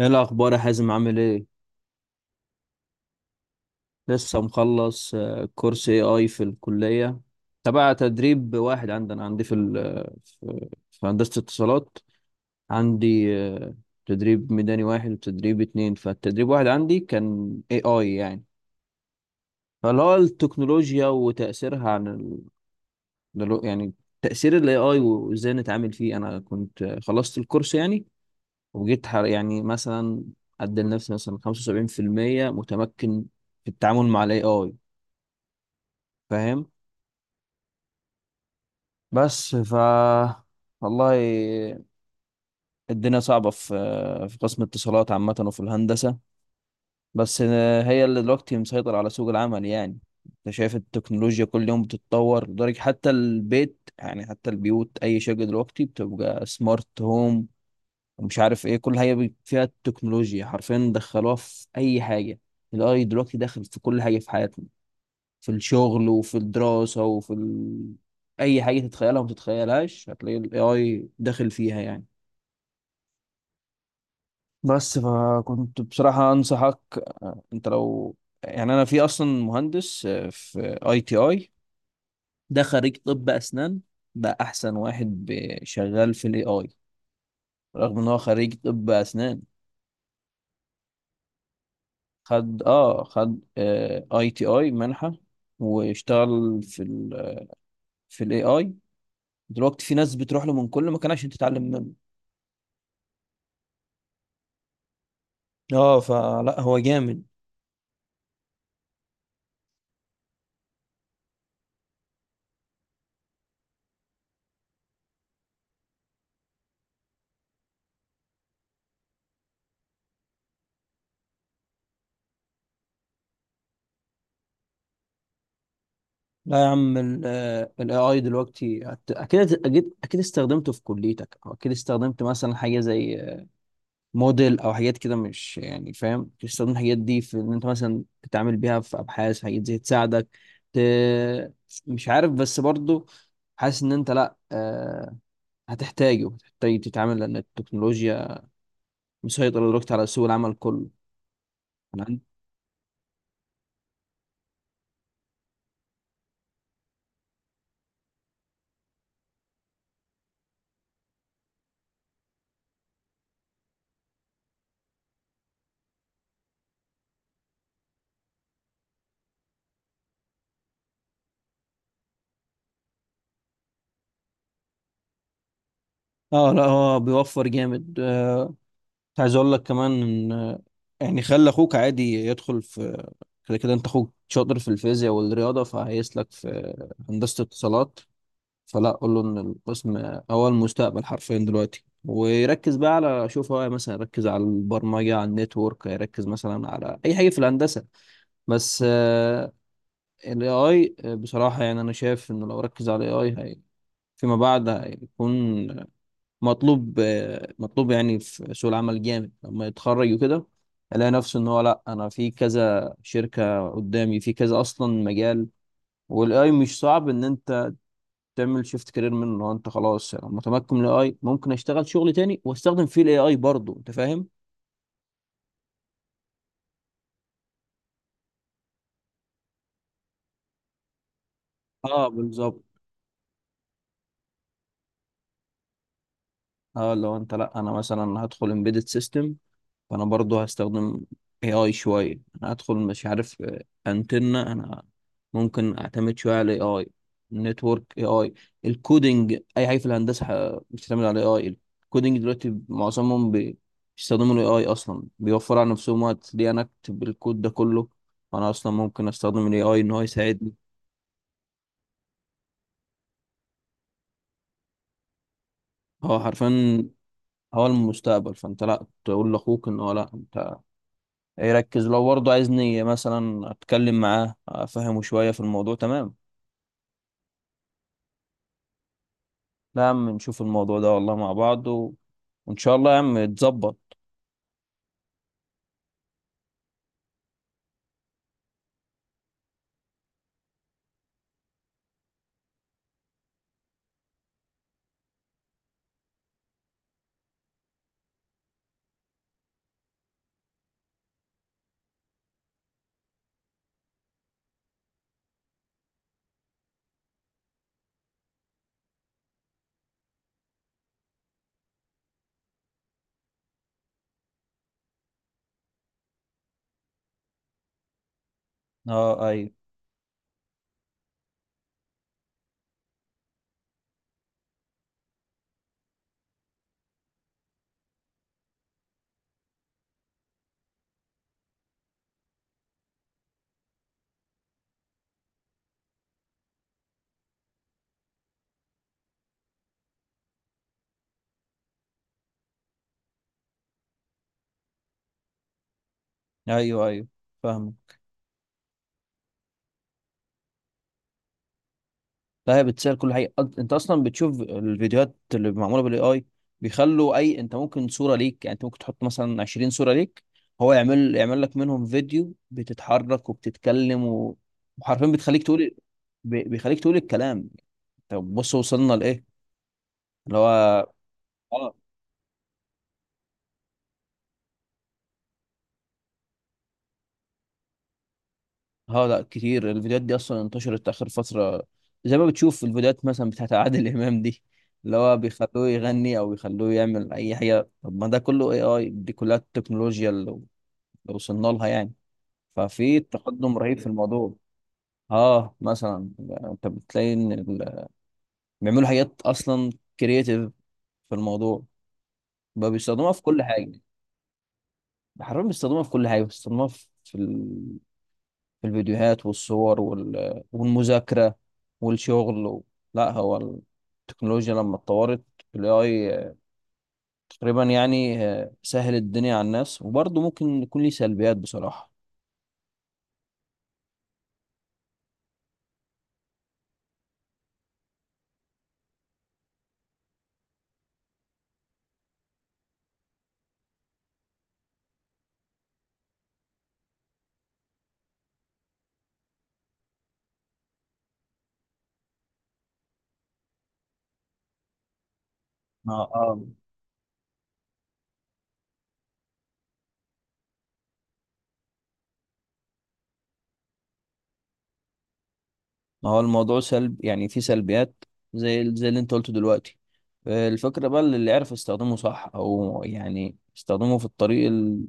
ايه الاخبار يا حازم؟ عامل ايه؟ لسه مخلص كورس اي اي في الكليه تبع تدريب واحد عندنا عندي في ال في هندسه اتصالات. عندي تدريب ميداني واحد وتدريب اتنين. فالتدريب واحد عندي كان اي اي يعني، فاللي هو التكنولوجيا وتاثيرها عن يعني تاثير الاي اي وازاي نتعامل فيه. انا كنت خلصت الكورس يعني، يعني مثلا ادي لنفسي مثلا 75% متمكن في التعامل مع الاي اي. فاهم؟ بس والله الدنيا صعبة في قسم الاتصالات عامة، وفي الهندسة بس هي اللي دلوقتي مسيطرة على سوق العمل يعني. انت شايف التكنولوجيا كل يوم بتتطور، لدرجة حتى البيت يعني حتى البيوت. أي شركة دلوقتي بتبقى سمارت هوم، ومش عارف ايه، كل حاجة فيها التكنولوجيا. حرفيا دخلوها في أي حاجة. الاي دلوقتي داخل في كل حاجة في حياتنا، في الشغل وفي الدراسة أي حاجة تتخيلها وما تتخيلهاش هتلاقي ال AI داخل فيها يعني. بس فكنت بصراحة أنصحك أنت لو يعني، أنا في أصلا مهندس في أي تي أي، ده خريج طب أسنان، بقى أحسن واحد شغال في ال AI، رغم إن هو خريج طب أسنان. خد أي تي أي منحة، واشتغل في ال AI. دلوقتي في ناس بتروح له من كل مكان عشان تتعلم منه. اه، فلا، هو جامد. لا يا عم، الاي اي دلوقتي اكيد اكيد اكيد استخدمته في كليتك، او اكيد استخدمت مثلا حاجه زي موديل او حاجات كده مش يعني. فاهم؟ أكيد استخدمت الحاجات دي في ان انت مثلا تتعامل بيها في ابحاث، حاجات زي تساعدك ت... مش عارف. بس برضو حاسس ان انت، لا هتحتاجه هتحتاج تتعامل، لان التكنولوجيا مسيطره دلوقتي على سوق العمل كله. أنا عندي- اه لا، هو بيوفر جامد. مش عايز اقول لك كمان ان يعني خلي اخوك عادي يدخل في، كده كده انت اخوك شاطر في الفيزياء والرياضه، فهيسلك في هندسه اتصالات. فلا، قول له ان القسم هو المستقبل حرفيا دلوقتي، ويركز بقى على، شوف هو مثلا يركز على البرمجه، على النتورك، يركز مثلا على اي حاجه في الهندسه، بس الاي اي بصراحه يعني. انا شايف انه لو ركز على الاي اي هي فيما بعد هيكون مطلوب، مطلوب يعني في سوق العمل جامد لما يتخرج، وكده الاقي نفسه ان هو لا، انا في كذا شركة قدامي، في كذا اصلا مجال. والاي مش صعب ان انت تعمل شيفت كارير منه. لو انت خلاص يعني متمكن من الاي، ممكن اشتغل شغل تاني واستخدم فيه الاي اي برضه. انت فاهم؟ اه بالظبط. اه لو انت، لا انا مثلا هدخل امبيدد سيستم، فانا برضو هستخدم اي اي شويه. انا هدخل مش عارف انتنة انا ممكن اعتمد شويه على اي اي، نتورك، اي اي، الكودينج، اي حاجه في الهندسه بتعتمد على اي اي. الكودينج دلوقتي معظمهم بيستخدموا الاي اي اصلا، بيوفر على نفسهم وقت. ليه انا اكتب الكود ده كله؟ انا اصلا ممكن استخدم الاي اي ان هو يساعدني. هو حرفيا هو المستقبل. فانت لا، تقول لاخوك ان هو لا، انت يركز لو برضه عايز، نية مثلا اتكلم معاه افهمه شوية في الموضوع. تمام؟ لا يا عم، نشوف الموضوع ده والله مع بعض وان شاء الله يا عم يتظبط. اه، ايوه، ايوه، ايوه، فاهمك. لا، هي بتسهل كل حاجة. انت اصلا بتشوف الفيديوهات اللي معمولة بالاي اي. بيخلوا اي، انت ممكن صورة ليك، يعني انت ممكن تحط مثلا 20 صورة ليك، هو يعمل لك منهم فيديو بتتحرك وبتتكلم وحرفيا بتخليك تقول، بيخليك تقول الكلام. طب بص، وصلنا لايه؟ اللي هو، اه اه لا، كتير الفيديوهات دي اصلا انتشرت اخر فتره. زي ما بتشوف الفيديوهات مثلا بتاعت عادل امام دي، اللي هو بيخلوه يغني او بيخلوه يعمل اي حاجه. طب ما ده كله اي اي، دي كلها التكنولوجيا اللي وصلنا لها يعني. ففي تقدم رهيب في الموضوع. اه مثلا، انت بتلاقي ان بيعملوا حاجات اصلا كرييتيف في الموضوع، بقى بيستخدموها في كل حاجه. حرفيا بيستخدموها في كل حاجه، بيستخدموها في الفيديوهات والصور والمذاكرة والشغل لا، هو التكنولوجيا لما اتطورت، ال AI تقريبا يعني سهل الدنيا على الناس، وبرضه ممكن يكون ليه سلبيات بصراحة. ما آه. ما هو الموضوع سلب يعني، في سلبيات زي اللي انت قلته دلوقتي. الفكرة بقى اللي يعرف يستخدمه صح، او يعني يستخدمه في الطريق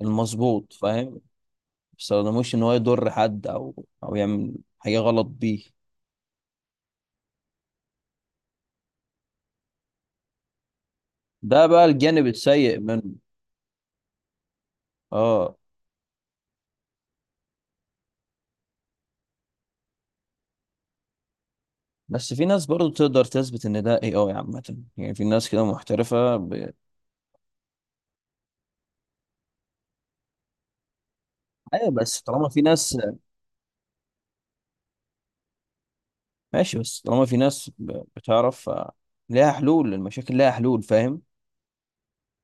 المظبوط. فاهم؟ ما يستخدموش ان هو يضر حد، او او يعمل حاجة غلط بيه. ده بقى الجانب السيء منه. اه، بس في ناس برضو تقدر تثبت ان ده اي اي عامة، يعني في ناس كده محترفة ايوه، بس طالما في ناس، ماشي، بس طالما في ناس بتعرف، ليها حلول، المشاكل ليها حلول. فاهم؟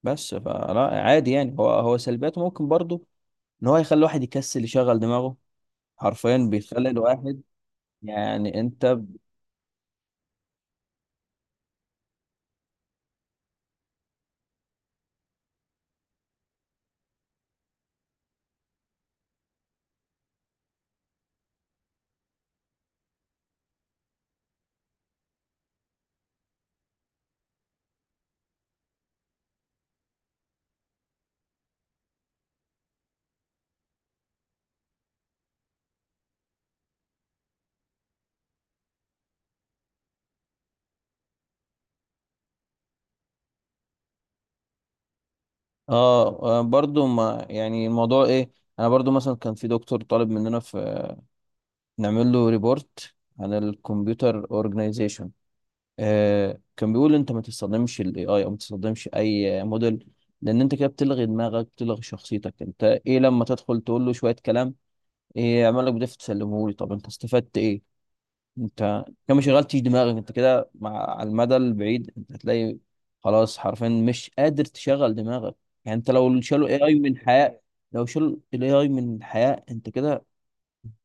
بس فلا عادي يعني، هو سلبياته ممكن برضو ان هو يخلي الواحد يكسل يشغل دماغه، حرفيا بيخلي الواحد يعني، اه برضو ما يعني الموضوع ايه، انا برضو مثلا كان في دكتور طالب مننا في، نعمل له ريبورت عن الكمبيوتر اورجنايزيشن. آه، كان بيقول انت ما تستخدمش الاي اي او ما تستخدمش اي موديل، لان انت كده بتلغي دماغك، بتلغي شخصيتك. انت ايه لما تدخل تقول له شويه كلام ايه يعمل لك بدافع تسلمه لي؟ طب انت استفدت ايه؟ انت كده ما شغلتش دماغك. انت كده مع، على المدى البعيد انت هتلاقي خلاص، حرفيا مش قادر تشغل دماغك. يعني انت لو شالوا اي اي من الحياه، لو شالوا الاي اي من الحياه، انت كده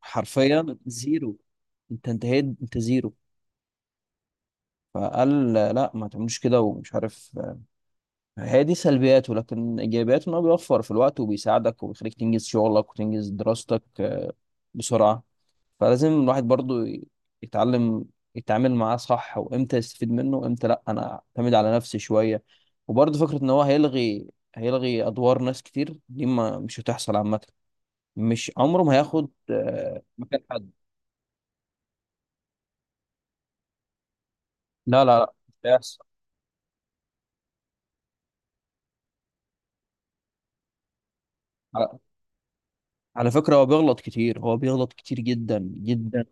حرفيا زيرو. انت انتهيت، انت زيرو. فقال لا ما تعملوش كده، ومش عارف. هي دي سلبياته، لكن ايجابياته ان هو بيوفر في الوقت، وبيساعدك، وبيخليك تنجز شغلك وتنجز دراستك، بسرعة فلازم الواحد برضو يتعلم يتعامل معاه صح، وامتى يستفيد منه، وامتى لا انا اعتمد على نفسي شوية. وبرضو فكرة ان هو هيلغي ادوار ناس كتير، دي ما مش هتحصل عامة. مش عمره ما هياخد مكان حد. لا، لا، لا، مش هيحصل. على فكرة، هو بيغلط كتير، هو بيغلط كتير جدا جدا.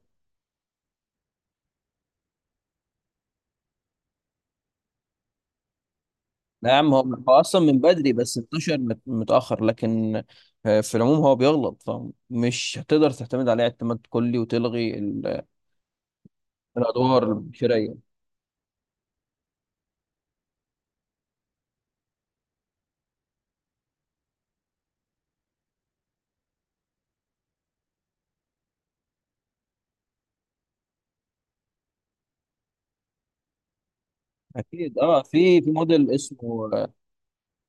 لا يا عم، هو اصلا من بدري، بس انتشر متاخر. لكن في العموم هو بيغلط. فمش هتقدر تعتمد عليه اعتماد كلي وتلغي الادوار البشريه. اكيد. اه، في موديل اسمه،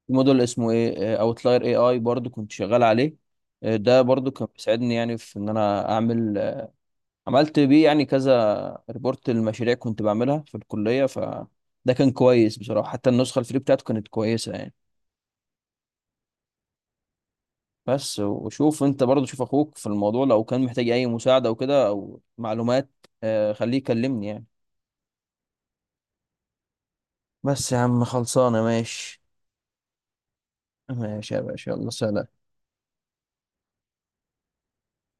في موديل اسمه ايه، اوتلاير اي اي، برضو كنت شغال عليه. ده برضو كان بيساعدني يعني في ان انا اعمل عملت بيه يعني كذا ريبورت للمشاريع كنت بعملها في الكليه. فده كان كويس بصراحه، حتى النسخه الفري بتاعته كانت كويسه يعني. بس، وشوف انت برضه، شوف اخوك في الموضوع، لو كان محتاج اي مساعدة او كده او معلومات، خليه يكلمني يعني. بس يا عم، خلصانة، ماشي؟ ماشي يا باشا، يلا سلام.